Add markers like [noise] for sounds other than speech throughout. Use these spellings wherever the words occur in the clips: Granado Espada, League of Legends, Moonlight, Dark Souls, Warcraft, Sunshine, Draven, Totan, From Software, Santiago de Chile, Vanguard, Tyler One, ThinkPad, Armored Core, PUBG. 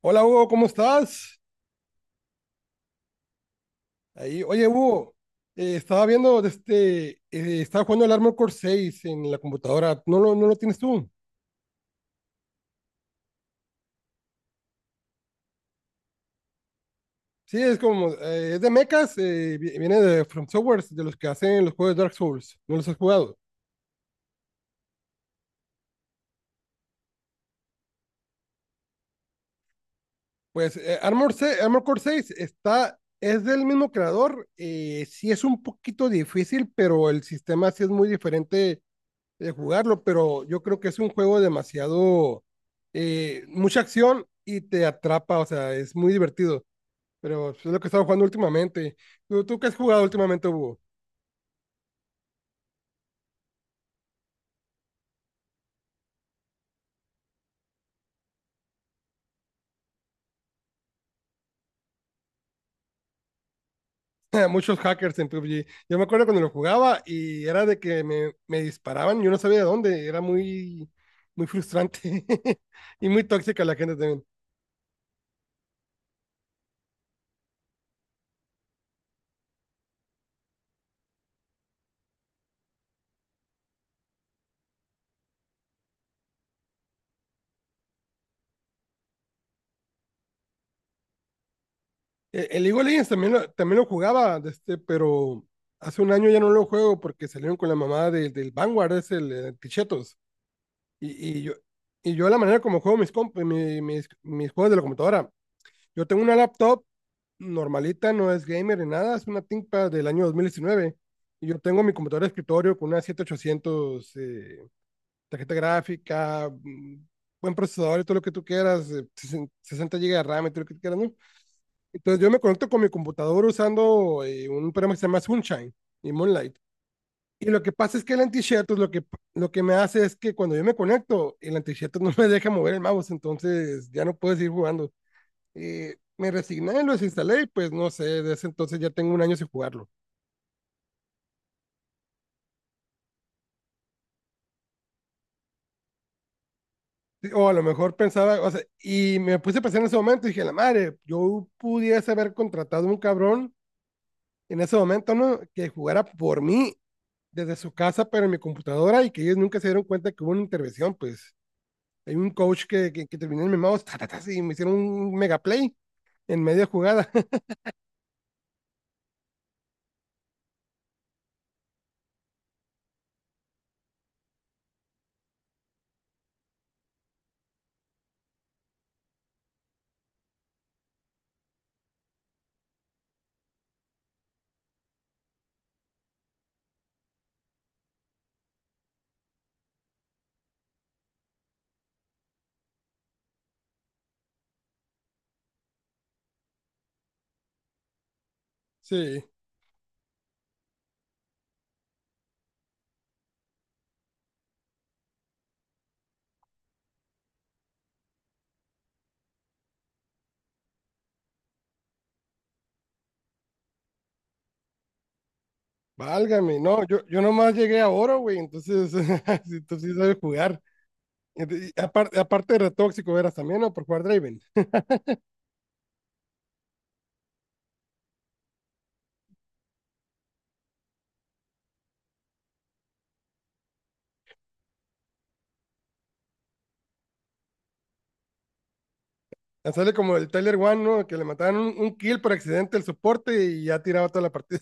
Hola Hugo, ¿cómo estás? Ahí, oye Hugo, estaba viendo, estaba jugando el Armored Core seis en la computadora. ¿No lo tienes tú? Sí, es como, es de mechas, eh, viene de From Software, de los que hacen los juegos de Dark Souls. ¿No los has jugado? Pues Armored Core seis está, es del mismo creador. Sí es un poquito difícil, pero el sistema sí es muy diferente de jugarlo, pero yo creo que es un juego demasiado, mucha acción y te atrapa, o sea, es muy divertido, pero es lo que he estado jugando últimamente. ¿Tú qué has jugado últimamente, Hugo? [laughs] Muchos hackers en PUBG. Yo me acuerdo cuando lo jugaba y era de que me disparaban, yo no sabía de dónde, era muy frustrante [laughs] y muy tóxica la gente también. El League of Legends también lo jugaba, de este, pero hace un año ya no lo juego porque salieron con la mamá del Vanguard, es el, Tichetos. Y, y yo, y yo la manera como juego mis juegos de la computadora, yo tengo una laptop normalita, no es gamer ni nada, es una ThinkPad del año 2019. Y yo tengo mi computadora de escritorio con una 7800, tarjeta gráfica, buen procesador y todo lo que tú quieras, 60 GB de RAM y todo lo que tú quieras, ¿no? Entonces yo me conecto con mi computadora usando un programa que se llama Sunshine y Moonlight. Y lo que pasa es que el anti-share, lo que me hace es que cuando yo me conecto, el anti-share [laughs] no me deja mover el mouse, entonces ya no puedo seguir jugando. Me resigné, lo desinstalé y pues no sé, desde ese entonces ya tengo un año sin jugarlo. Sí, o a lo mejor pensaba, o sea, y me puse a pensar en ese momento y dije, la madre, yo pudiese haber contratado a un cabrón en ese momento, ¿no? Que jugara por mí desde su casa, pero en mi computadora y que ellos nunca se dieron cuenta que hubo una intervención, pues. Hay un coach que terminó en mi mouse ta, ta, ta, y me hicieron un mega play en media jugada. [laughs] Sí, válgame, no, yo nomás llegué a oro, güey, entonces [laughs] si tú sí sabes jugar. Y aparte de retóxico eras también, ¿no? Por jugar Draven. Ya sale como el Tyler One, ¿no? Que le mataban un kill por accidente el soporte y ya tiraba toda la partida.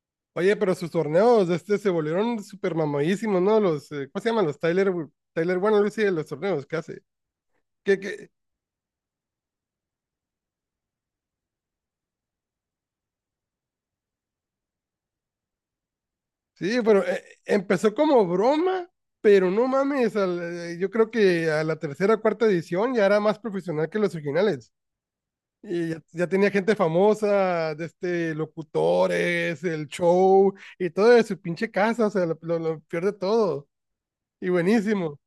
[laughs] Oye, pero sus torneos de este se volvieron súper mamadísimos, ¿no? Los, ¿cómo se llaman? Los Tyler, Tyler One, Lucy, los torneos, ¿qué hace? ¿Qué, qué, Sí, pero empezó como broma, pero no mames, yo creo que a la tercera o cuarta edición ya era más profesional que los originales. Y ya, ya tenía gente famosa, de este, locutores, el show y todo de su pinche casa, o sea, lo peor de todo. Y buenísimo.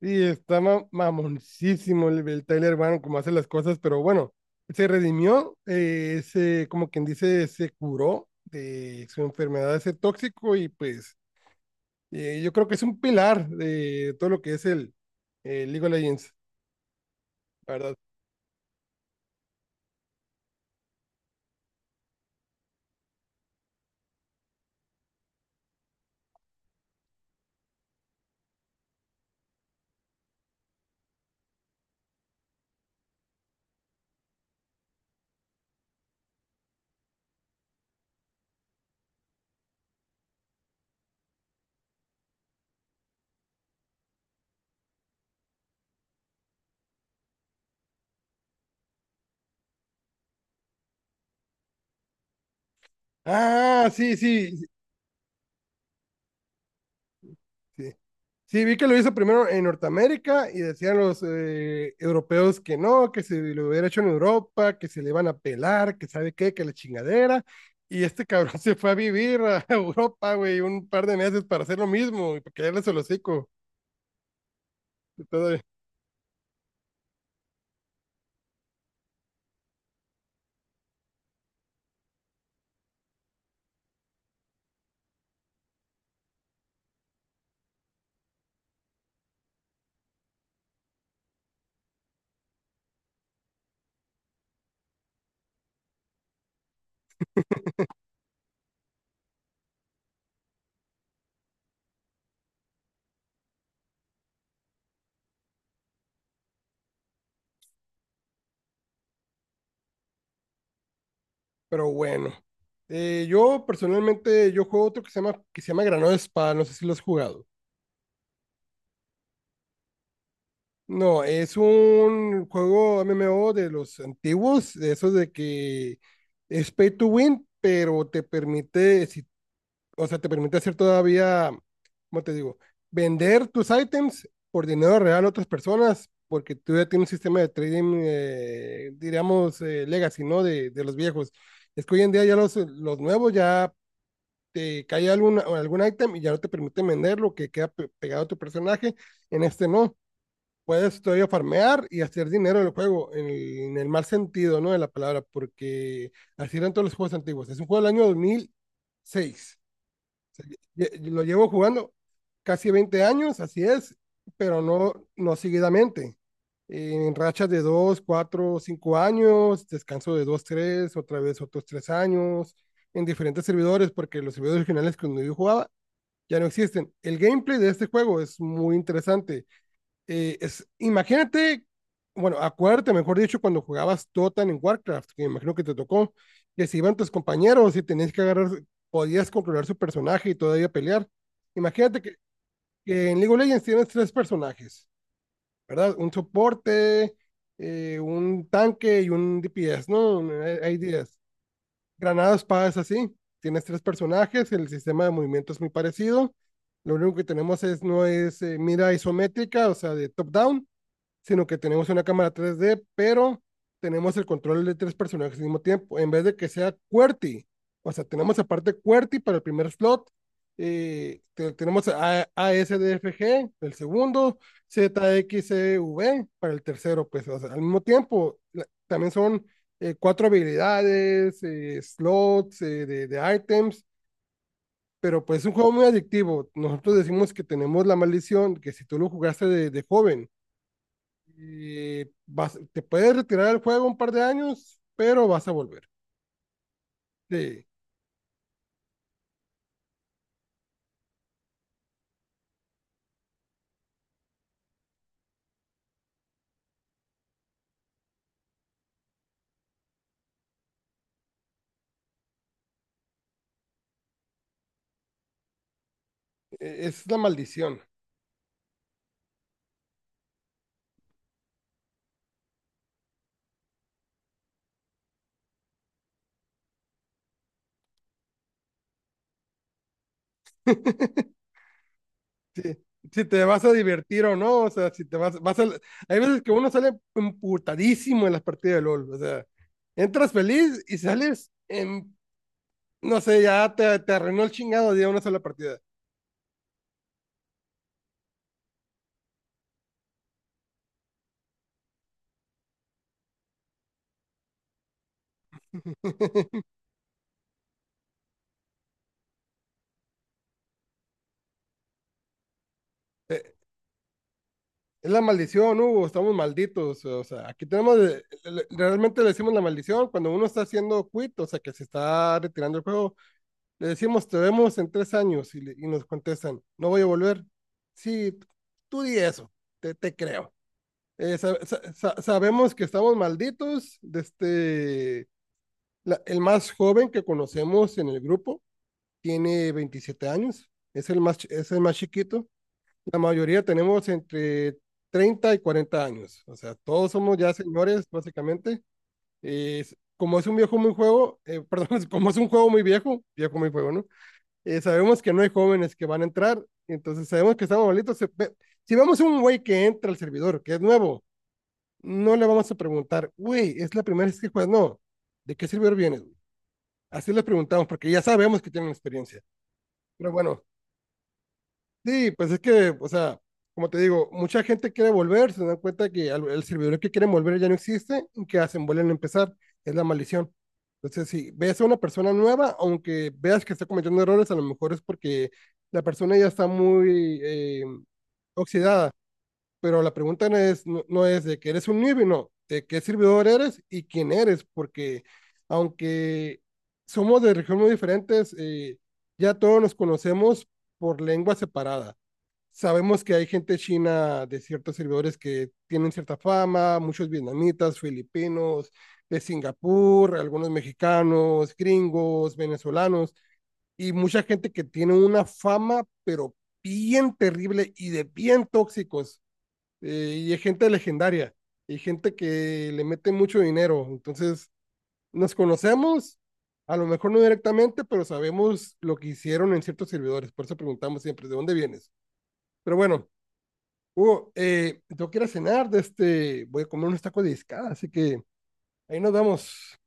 Y está mamoncísimo el Tyler Bannon como hace las cosas, pero bueno, se redimió, como quien dice, se curó de su enfermedad de ser tóxico y pues yo creo que es un pilar de todo lo que es el League of Legends, la verdad. Ah, sí, sí, sí. Sí. Sí, vi que lo hizo primero en Norteamérica y decían los europeos que no, que se lo hubiera hecho en Europa, que se le iban a pelar, que sabe qué, que la chingadera. Y este cabrón [laughs] se fue a vivir a Europa, güey, un par de meses para hacer lo mismo y para quedarles el hocico. Y todo. Pero bueno, yo personalmente, yo juego otro que se llama Granado Espada, no sé si lo has jugado. No, es un juego MMO de los antiguos, de esos de que es pay to win, pero te permite, o sea, te permite hacer todavía, ¿cómo te digo? Vender tus ítems por dinero real a otras personas, porque tú ya tienes un sistema de trading, diríamos, legacy, ¿no? De los viejos. Es que hoy en día ya los nuevos ya te cae algún ítem y ya no te permite venderlo, que queda pegado a tu personaje, en este no puedes todavía farmear y hacer dinero en el juego, en el mal sentido, ¿no? De la palabra, porque así eran todos los juegos antiguos. Es un juego del año 2006. Lo llevo jugando casi 20 años, así es, pero no, no seguidamente. En rachas de 2, 4, 5 años, descanso de 2, 3, otra vez otros 3 años, en diferentes servidores, porque los servidores originales que yo jugaba ya no existen. El gameplay de este juego es muy interesante, es, imagínate, bueno, acuérdate, mejor dicho, cuando jugabas Totan en Warcraft, que me imagino que te tocó, que se iban tus compañeros y tenías que agarrar, podías controlar su personaje y todavía pelear. Imagínate que en League of Legends tienes tres personajes, ¿verdad? Un soporte, un tanque y un DPS, ¿no? Hay días. Granadas, es así. Tienes tres personajes, el sistema de movimiento es muy parecido. Lo único que tenemos es, no es mira isométrica, o sea, de top-down, sino que tenemos una cámara 3D, pero tenemos el control de tres personajes al mismo tiempo, en vez de que sea QWERTY. O sea, tenemos aparte QWERTY para el primer slot, tenemos ASDFG, el segundo, ZXCV para el tercero, pues o sea, al mismo tiempo, también son cuatro habilidades, slots de items, pero pues es un juego muy adictivo. Nosotros decimos que tenemos la maldición, que si tú lo jugaste de joven, te puedes retirar del juego un par de años, pero vas a volver. Sí, es la maldición. Sí, si te vas a divertir o no, o sea, si te vas, vas a... Hay veces que uno sale emputadísimo en las partidas de LOL, o sea, entras feliz y sales en, no sé, ya te arruinó el chingado de una sola partida. Es la maldición, Hugo, estamos malditos, o sea, aquí tenemos, realmente le decimos la maldición cuando uno está haciendo quit, o sea, que se está retirando el juego. Le decimos, te vemos en 3 años y, y nos contestan, no voy a volver. Sí, tú di eso, te creo. Eh, sa- sa- Sabemos que estamos malditos. De este, el más joven que conocemos en el grupo tiene 27 años, es el más chiquito. La mayoría tenemos entre 30 y 40 años, o sea, todos somos ya señores, básicamente. Eh, como es un viejo muy juego, [laughs] perdón, como es un juego muy viejo, viejo muy juego, ¿no? Sabemos que no hay jóvenes que van a entrar, entonces sabemos que estamos malitos. Si vemos un güey que entra al servidor, que es nuevo, no le vamos a preguntar, güey, es la primera vez que juegas, no, ¿de qué servidor vienes? Así les preguntamos, porque ya sabemos que tienen experiencia. Pero bueno, sí, pues es que, o sea, como te digo, mucha gente quiere volver, se dan cuenta que el servidor que quieren volver ya no existe, ¿y que hacen? Vuelven a empezar, es la maldición. Entonces, si ves a una persona nueva, aunque veas que está cometiendo errores, a lo mejor es porque la persona ya está muy oxidada, pero la pregunta no es, no, no es de que eres un newbie, no, de qué servidor eres y quién eres, porque aunque somos de regiones muy diferentes, ya todos nos conocemos por lengua separada. Sabemos que hay gente china de ciertos servidores que tienen cierta fama, muchos vietnamitas, filipinos, de Singapur, algunos mexicanos, gringos, venezolanos y mucha gente que tiene una fama, pero bien terrible y de bien tóxicos. Y hay gente legendaria, y gente que le mete mucho dinero. Entonces, nos conocemos, a lo mejor no directamente, pero sabemos lo que hicieron en ciertos servidores. Por eso preguntamos siempre, ¿de dónde vienes? Pero bueno, Hugo, tengo que ir a cenar, de este, voy a comer unos tacos de discada, así que ahí nos vemos.